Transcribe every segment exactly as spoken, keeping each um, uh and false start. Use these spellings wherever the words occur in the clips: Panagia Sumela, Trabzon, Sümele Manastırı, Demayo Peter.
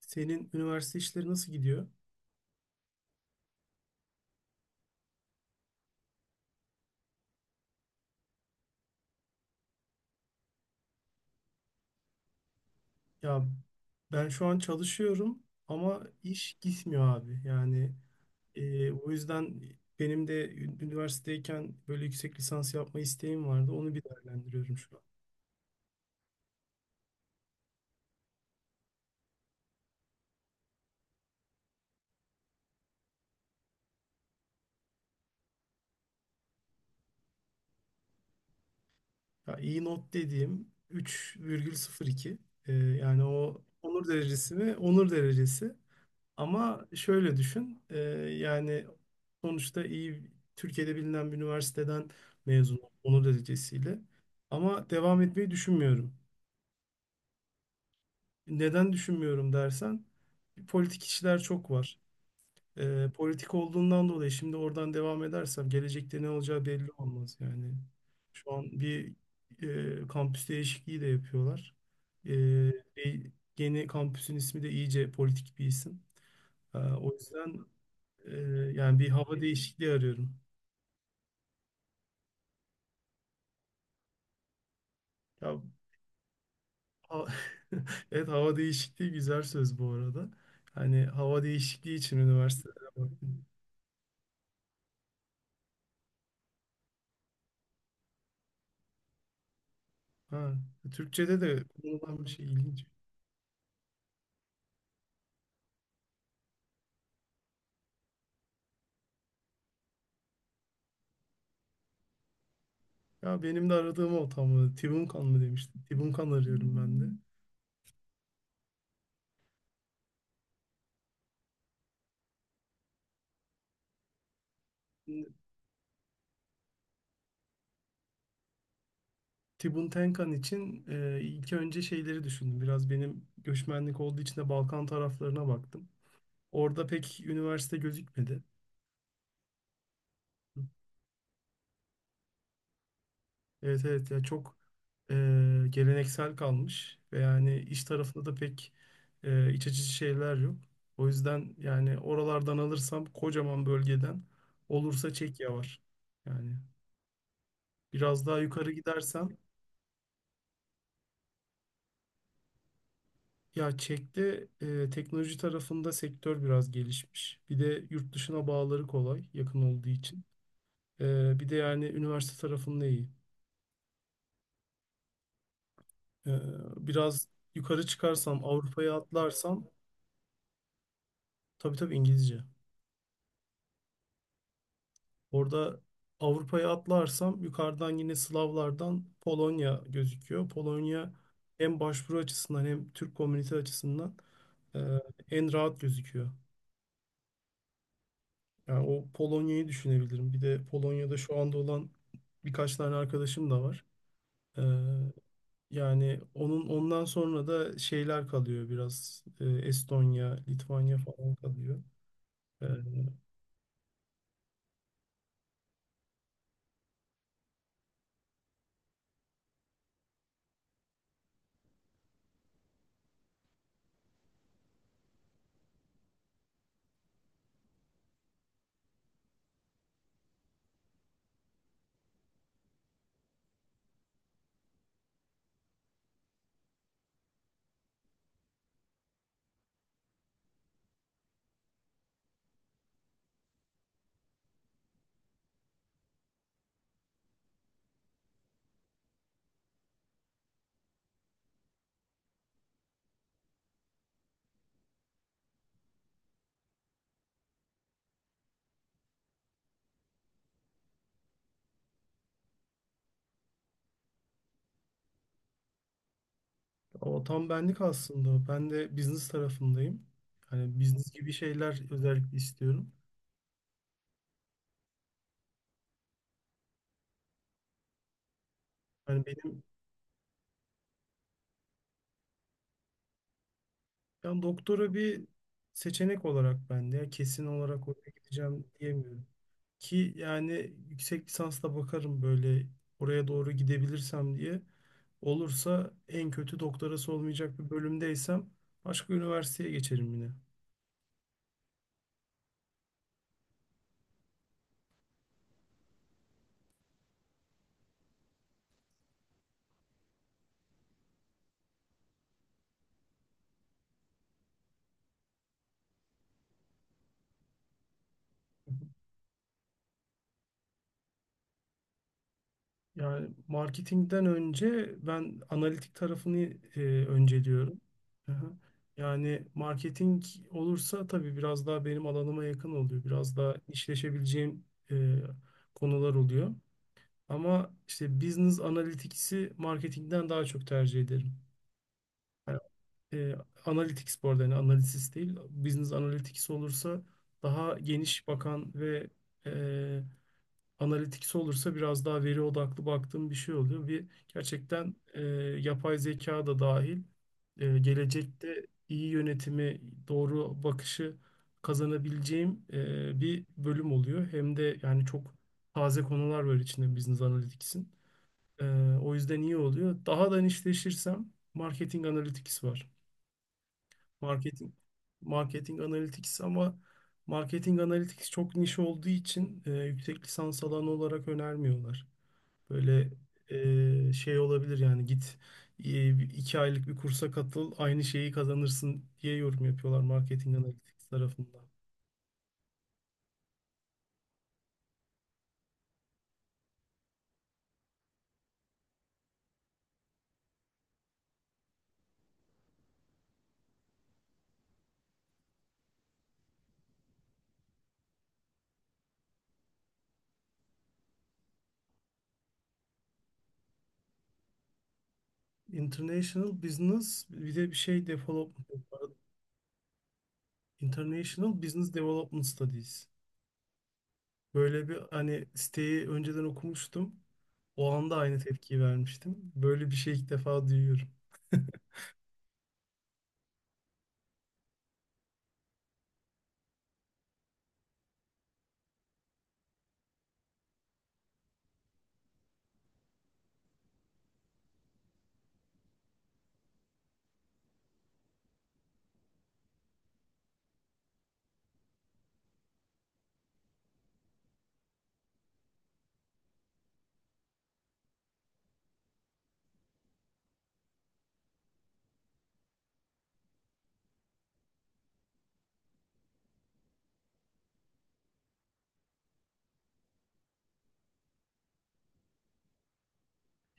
Senin üniversite işleri nasıl gidiyor? Ya ben şu an çalışıyorum ama iş gitmiyor abi. Yani e, o yüzden benim de ü- üniversitedeyken böyle yüksek lisans yapma isteğim vardı. Onu bir değerlendiriyorum şu an. Ya iyi not dediğim üç virgül sıfır iki. E, yani o onur derecesi mi? Onur derecesi. Ama şöyle düşün, e, yani sonuçta iyi Türkiye'de bilinen bir üniversiteden mezun oldum, onur derecesiyle. Ama devam etmeyi düşünmüyorum. Neden düşünmüyorum dersen, politik işler çok var. E, politik olduğundan dolayı şimdi oradan devam edersem gelecekte ne olacağı belli olmaz yani. Şu an bir, e, kampüs değişikliği de yapıyorlar. E, e, yeni kampüsün ismi de iyice politik bir isim. E, o yüzden. Ee, yani bir hava değişikliği arıyorum. Ya ha- evet, hava değişikliği güzel söz bu arada. Hani hava değişikliği için üniversitelere baktım. Ha, Türkçe'de de kullanılan bir şey, ilginç. Ya benim de aradığım o tam olarak. Tibunkan mı demiştim. Tibunkan arıyorum ben de. Şimdi Tibun Tenkan için e, ilk önce şeyleri düşündüm. Biraz benim göçmenlik olduğu için de Balkan taraflarına baktım. Orada pek üniversite gözükmedi. Evet, evet, ya çok e, geleneksel kalmış ve yani iş tarafında da pek e, iç açıcı şeyler yok. O yüzden yani oralardan alırsam, kocaman bölgeden olursa, Çekya var. Yani biraz daha yukarı gidersem, ya Çek'te e, teknoloji tarafında sektör biraz gelişmiş. Bir de yurt dışına bağları kolay, yakın olduğu için. E, bir de yani üniversite tarafında iyi. E, biraz yukarı çıkarsam, Avrupa'ya atlarsam, tabii tabii İngilizce. Orada Avrupa'ya atlarsam yukarıdan, yine Slavlardan, Polonya gözüküyor. Polonya hem başvuru açısından hem Türk komünite açısından e, en rahat gözüküyor. Yani o Polonya'yı düşünebilirim. Bir de Polonya'da şu anda olan birkaç tane arkadaşım da var. E, yani onun, ondan sonra da şeyler kalıyor biraz. E, Estonya, Litvanya falan kalıyor. E, O tam benlik aslında. Ben de business tarafındayım. Hani business gibi şeyler özellikle istiyorum. Hani benim ben doktora bir seçenek olarak ben de ya kesin olarak oraya gideceğim diyemiyorum. Ki yani yüksek lisansla bakarım, böyle oraya doğru gidebilirsem diye. Olursa, en kötü doktorası olmayacak bir bölümdeysem, başka üniversiteye geçerim yine. Yani marketingden önce ben analitik tarafını e, önceliyorum. Hı hı. Yani marketing olursa tabii biraz daha benim alanıma yakın oluyor. Biraz daha işleşebileceğim e, konular oluyor. Ama işte business analitikisi marketingden daha çok tercih ederim. Yani, e, analytics bu arada, yani analiz değil. Business analytics olursa daha geniş bakan ve, e, analitiksi olursa, biraz daha veri odaklı baktığım bir şey oluyor. Bir gerçekten e, yapay zeka da dahil, e, gelecekte iyi yönetimi, doğru bakışı kazanabileceğim e, bir bölüm oluyor. Hem de yani çok taze konular var içinde Business Analytics'in. E, o yüzden iyi oluyor. Daha da nişleşirsem Marketing Analytics var. Marketing Marketing Analytics, ama Marketing Analytics çok niş olduğu için e, yüksek lisans alanı olarak önermiyorlar. Böyle e, şey olabilir yani, git e, iki aylık bir kursa katıl, aynı şeyi kazanırsın diye yorum yapıyorlar marketing analytics tarafından. International Business, bir de bir şey development var. International Business Development Studies. Böyle bir, hani, siteyi önceden okumuştum. O anda aynı tepkiyi vermiştim: böyle bir şey ilk defa duyuyorum.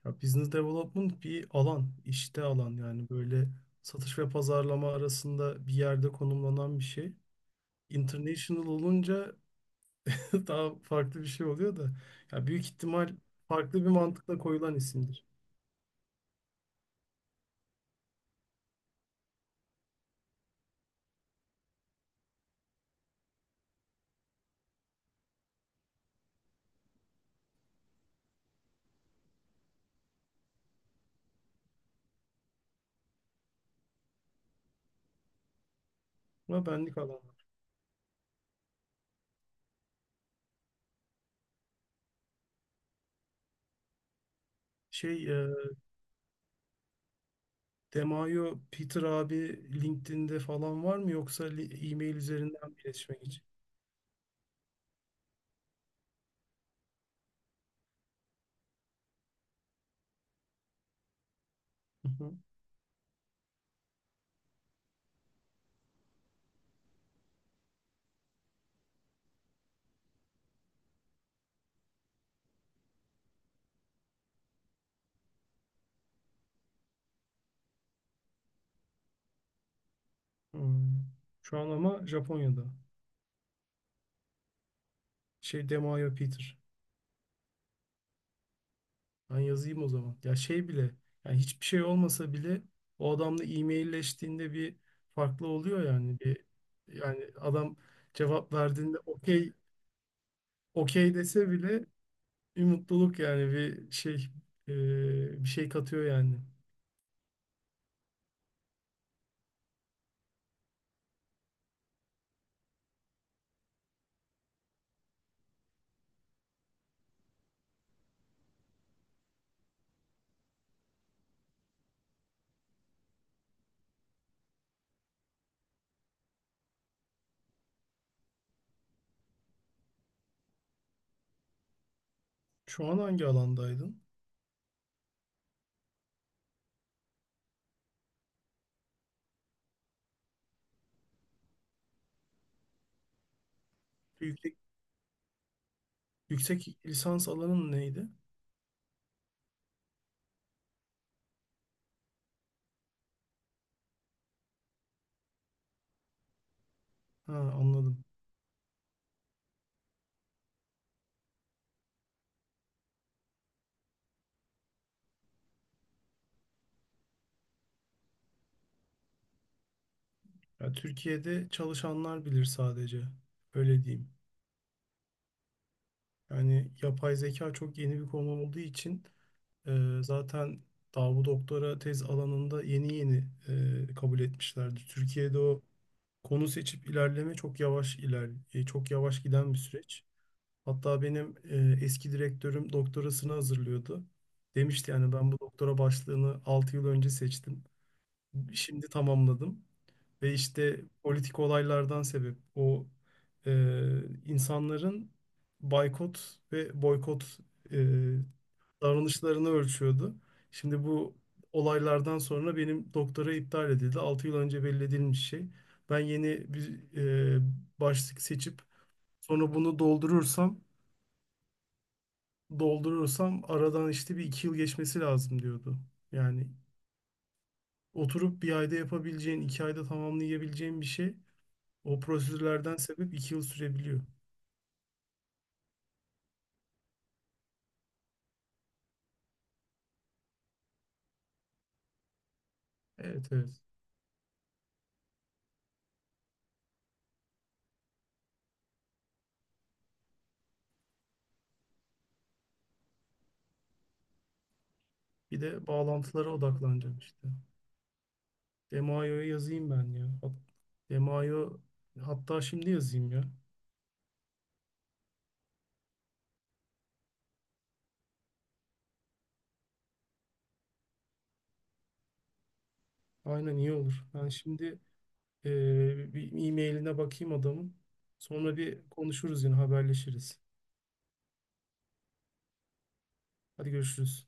Ya business development bir alan, işte alan yani, böyle satış ve pazarlama arasında bir yerde konumlanan bir şey. International olunca daha farklı bir şey oluyor da. Ya büyük ihtimal farklı bir mantıkla koyulan isimdir. Ama benlik alan. Şey, e, Demayo Peter abi LinkedIn'de falan var mı, yoksa li- e-mail üzerinden mi iletişime geçiyor? Hı hı. Hmm. Şu an ama Japonya'da. Şey, Demayo Peter. Ben yazayım o zaman. Ya şey bile, yani hiçbir şey olmasa bile, o adamla e-mailleştiğinde bir farklı oluyor yani. Bir, yani adam cevap verdiğinde okey, okey dese bile bir mutluluk, yani bir şey, e, bir şey katıyor yani. Şu an hangi alandaydın? Büyük Yüksek lisans alanın neydi? Ha, anladım. Ya, Türkiye'de çalışanlar bilir sadece. Öyle diyeyim. Yani yapay zeka çok yeni bir konu olduğu için e, zaten daha bu doktora tez alanında yeni yeni e, kabul etmişlerdi. Türkiye'de o konu seçip ilerleme çok yavaş iler, e, çok yavaş giden bir süreç. Hatta benim e, eski direktörüm doktorasını hazırlıyordu. Demişti yani ben bu doktora başlığını altı yıl önce seçtim. Şimdi tamamladım. Ve işte politik olaylardan sebep o, e, insanların baykot ve boykot e, davranışlarını ölçüyordu. Şimdi bu olaylardan sonra benim doktora iptal edildi. Altı yıl önce belli edilmiş şey. Ben yeni bir e, başlık seçip sonra bunu doldurursam doldurursam aradan işte bir iki yıl geçmesi lazım diyordu. Yani oturup bir ayda yapabileceğin, iki ayda tamamlayabileceğin bir şey, o prosedürlerden sebep iki yıl sürebiliyor. Evet, evet. Bir de bağlantılara odaklanacağım işte. Demaio'ya yazayım ben ya. Hat Demaio, hatta şimdi yazayım ya. Aynen, iyi olur. Ben şimdi, eee, bir e-mailine bakayım adamın. Sonra bir konuşuruz, yine haberleşiriz. Hadi görüşürüz.